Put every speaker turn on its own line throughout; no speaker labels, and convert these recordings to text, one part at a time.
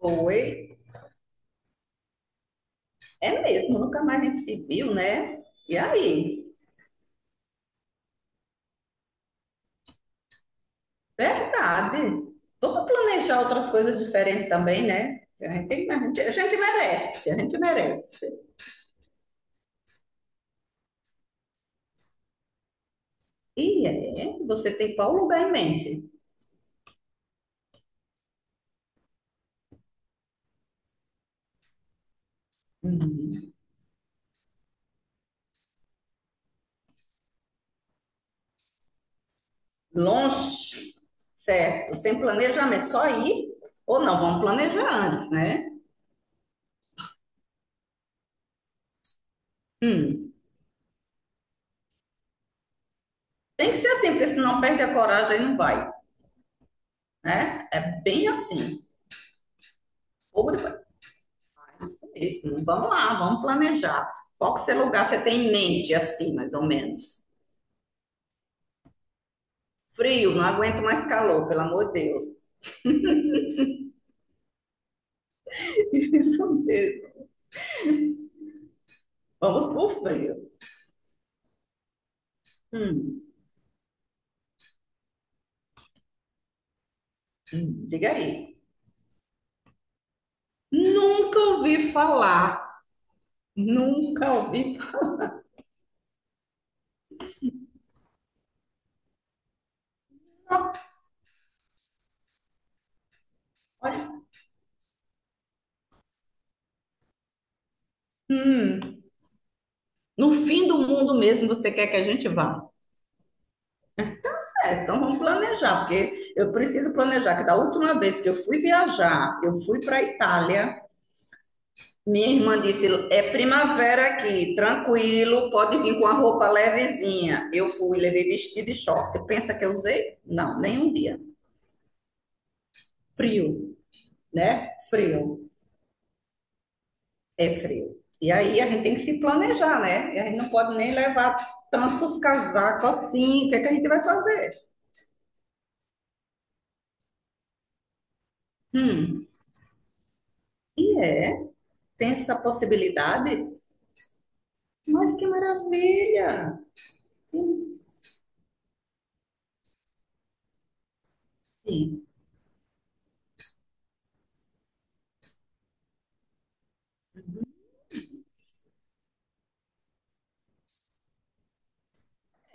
Foi. É mesmo, nunca mais a gente se viu, né? E aí? Verdade. Vamos planejar outras coisas diferentes também, né? A gente, a gente merece, a gente merece. E é, você tem qual lugar em mente? Hum. Longe, certo? Sem planejamento, só ir? Ou não, vamos planejar antes, né? Hum. Tem que ser assim, porque senão perde a coragem e não vai, né? É bem assim. Fogo de... Isso mesmo. Vamos lá, vamos planejar. Qual que é seu lugar que você tem em mente, assim, mais ou menos? Frio, não aguento mais calor, pelo amor de Deus. Isso mesmo. Vamos pro frio. Hum, diga aí. Nunca ouvi falar. Nunca ouvi falar. Olha, hum, no fim do mundo mesmo você quer que a gente vá? É, então vamos planejar, porque eu preciso planejar que da última vez que eu fui viajar, eu fui para a Itália. Minha irmã disse: é primavera aqui, tranquilo, pode vir com a roupa levezinha. Eu fui, levei vestido e short. Pensa que eu usei? Não, nenhum dia. Frio, né? Frio, é frio. E aí a gente tem que se planejar, né? E a gente não pode nem levar tantos casacos assim. O que é que a gente vai fazer? Hum, e é, tem essa possibilidade? Mas que maravilha! Enfim,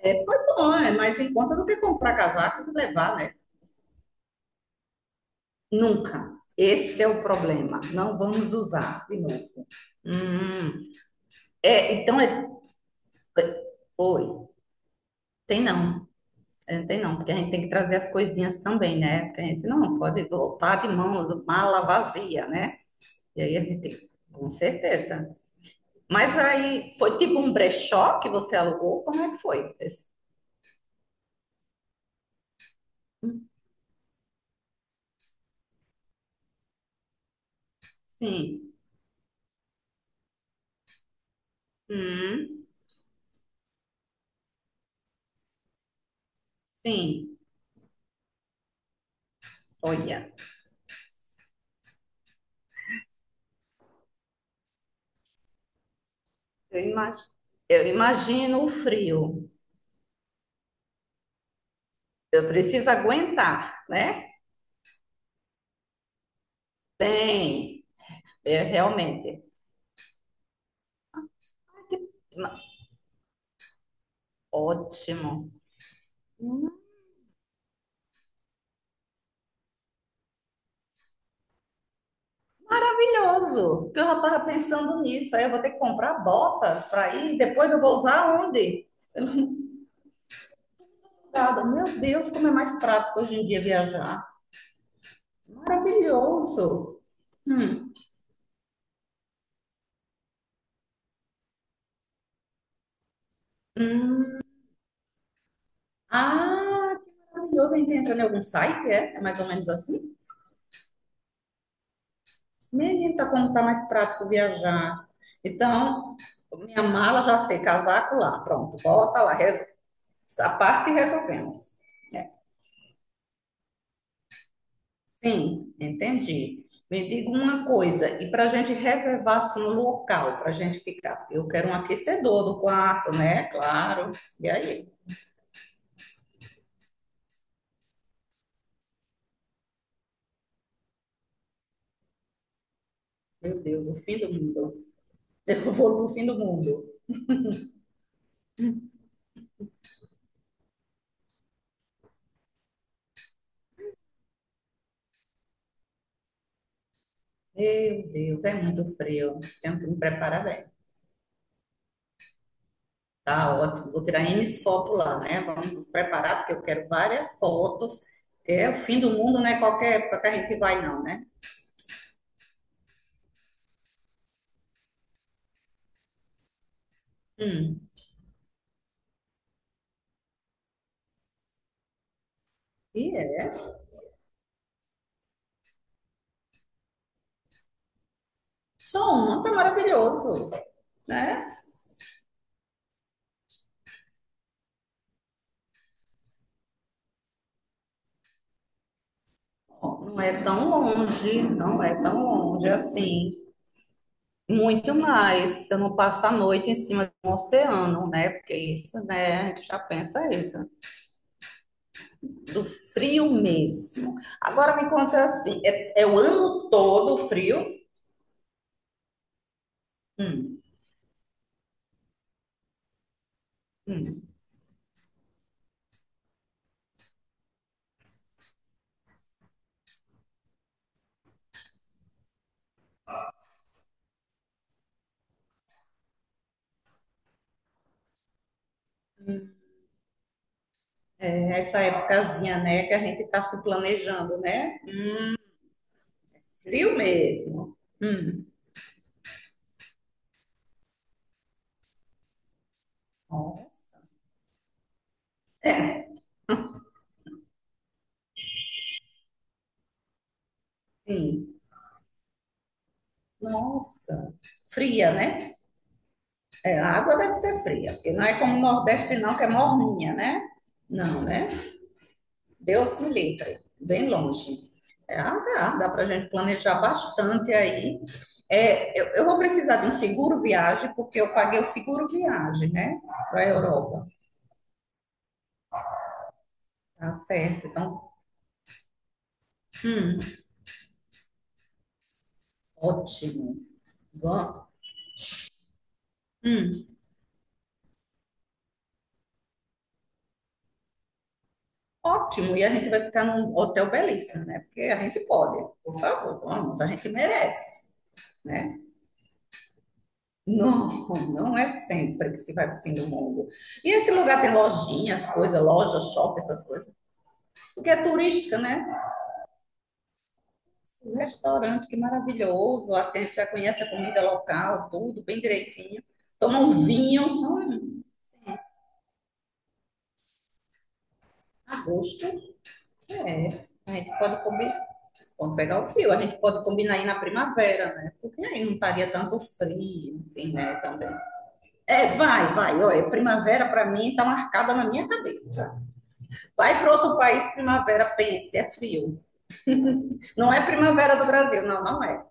é, foi bom, é mais em conta do que comprar casaco e levar, né? Nunca. Esse é o problema. Não vamos usar de novo. Hum, é, então é. É, Oi, tem não. É, tem não, porque a gente tem que trazer as coisinhas também, né? Porque a gente não pode voltar de mão, de mala vazia, né? E aí a gente tem, com certeza. Mas aí foi tipo um brechó que você alugou? Como é que foi? Sim. Hum, sim. Olha, eu imagino, eu imagino o frio. Eu preciso aguentar, né? Tem, é, realmente. Ótimo. Maravilhoso. Porque eu já estava pensando nisso. Aí eu vou ter que comprar botas para ir. Depois eu vou usar onde? Nada. Meu Deus, como é mais prático hoje em dia viajar. Maravilhoso. Hum. Hum. Ah, que maravilhoso. A gente entra em algum site, é? É mais ou menos assim? Menino, tá como tá mais prático viajar. Então, minha mala já sei, casaco lá. Pronto, bota lá. Essa parte resolvemos. É, sim, entendi. Me diga uma coisa, e para a gente reservar assim, um local para a gente ficar? Eu quero um aquecedor do quarto, né? Claro. E aí? Meu Deus, o fim do mundo. Eu vou no fim do mundo. Meu Deus, é muito frio. Tenho que me preparar bem. Tá ótimo. Vou tirar N fotos lá, né? Vamos nos preparar, porque eu quero várias fotos. É o fim do mundo, não é qualquer época que a gente vai, não, né? Hum. E é. Som é maravilhoso, né? Não é tão longe, não é tão longe assim. Muito mais, você não passa a noite em cima de um oceano, né? Porque isso, né? A gente já pensa isso, do frio mesmo. Agora me conta assim, é, é o ano todo frio? Hum, hum. É essa épocazinha, né, que a gente tá se planejando, né? Frio mesmo. Hum. Ó, sim. Nossa, fria, né? É, a água deve ser fria, porque não é como o Nordeste, não, que é morninha, né? Não, né? Deus me livre, bem longe. É, ah, dá, dá para a gente planejar bastante aí. É, eu vou precisar de um seguro viagem, porque eu paguei o seguro viagem, né? Para a Europa. Tá certo. Então, hum, ótimo. Vamos. Hum, ótimo. E a gente vai ficar num hotel belíssimo, né? Porque a gente pode. Por favor, vamos. A gente merece, né? Não, não é sempre que se vai para o fim do mundo. E esse lugar tem lojinhas, coisas, loja, shopping, essas coisas, porque é turística, né? Os restaurantes, que maravilhoso, assim, a gente já conhece a comida local, tudo bem direitinho. Toma um vinho, a gosto. É, a gente pode comer, pode pegar o frio, a gente pode combinar aí na primavera, né? Porque aí não estaria tanto frio, assim, né, também. É, vai, vai, olha, primavera para mim está marcada na minha cabeça. Vai para outro país, primavera, pense, é frio. Não é primavera do Brasil, não, não é.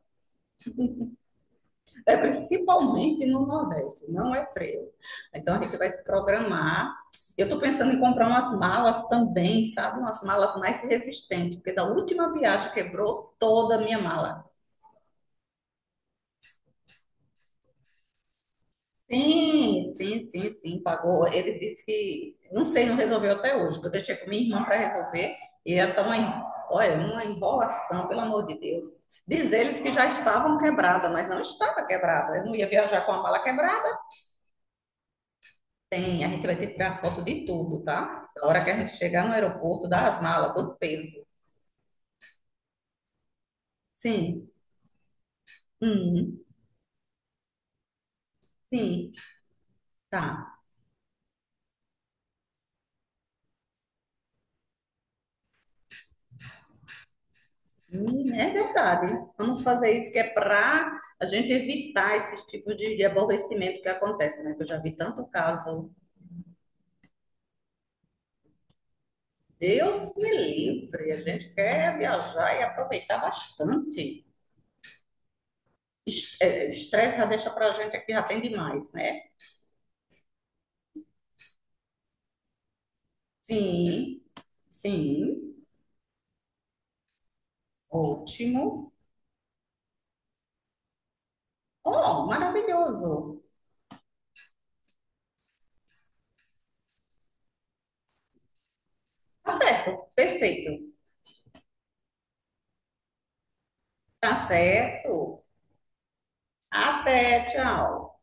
É principalmente no Nordeste, não é frio. Então a gente vai se programar. Eu estou pensando em comprar umas malas também, sabe? Umas malas mais resistentes, porque da última viagem quebrou toda a minha mala. Sim, sim, sim, sim, pagou. Ele disse que, não sei, não resolveu até hoje, eu deixei com minha irmã para resolver, e é tão, olha, uma enrolação, pelo amor de Deus. Diz eles que já estavam quebradas, mas não estava quebrada. Eu não ia viajar com a mala quebrada. Tem, a gente vai ter que tirar foto de tudo, tá? Na hora que a gente chegar no aeroporto, dá as malas, todo peso. Sim, hum, sim, tá. É verdade. Vamos fazer isso que é para a gente evitar esses tipos de aborrecimento que acontece, né? Que eu já vi tanto caso. Deus me livre. A gente quer viajar e aproveitar bastante. Estresse já deixa para a gente aqui, já tem demais, né? Sim, sim. Ótimo. Oh, maravilhoso. Tá certo. Perfeito. Tá certo. Até, tchau.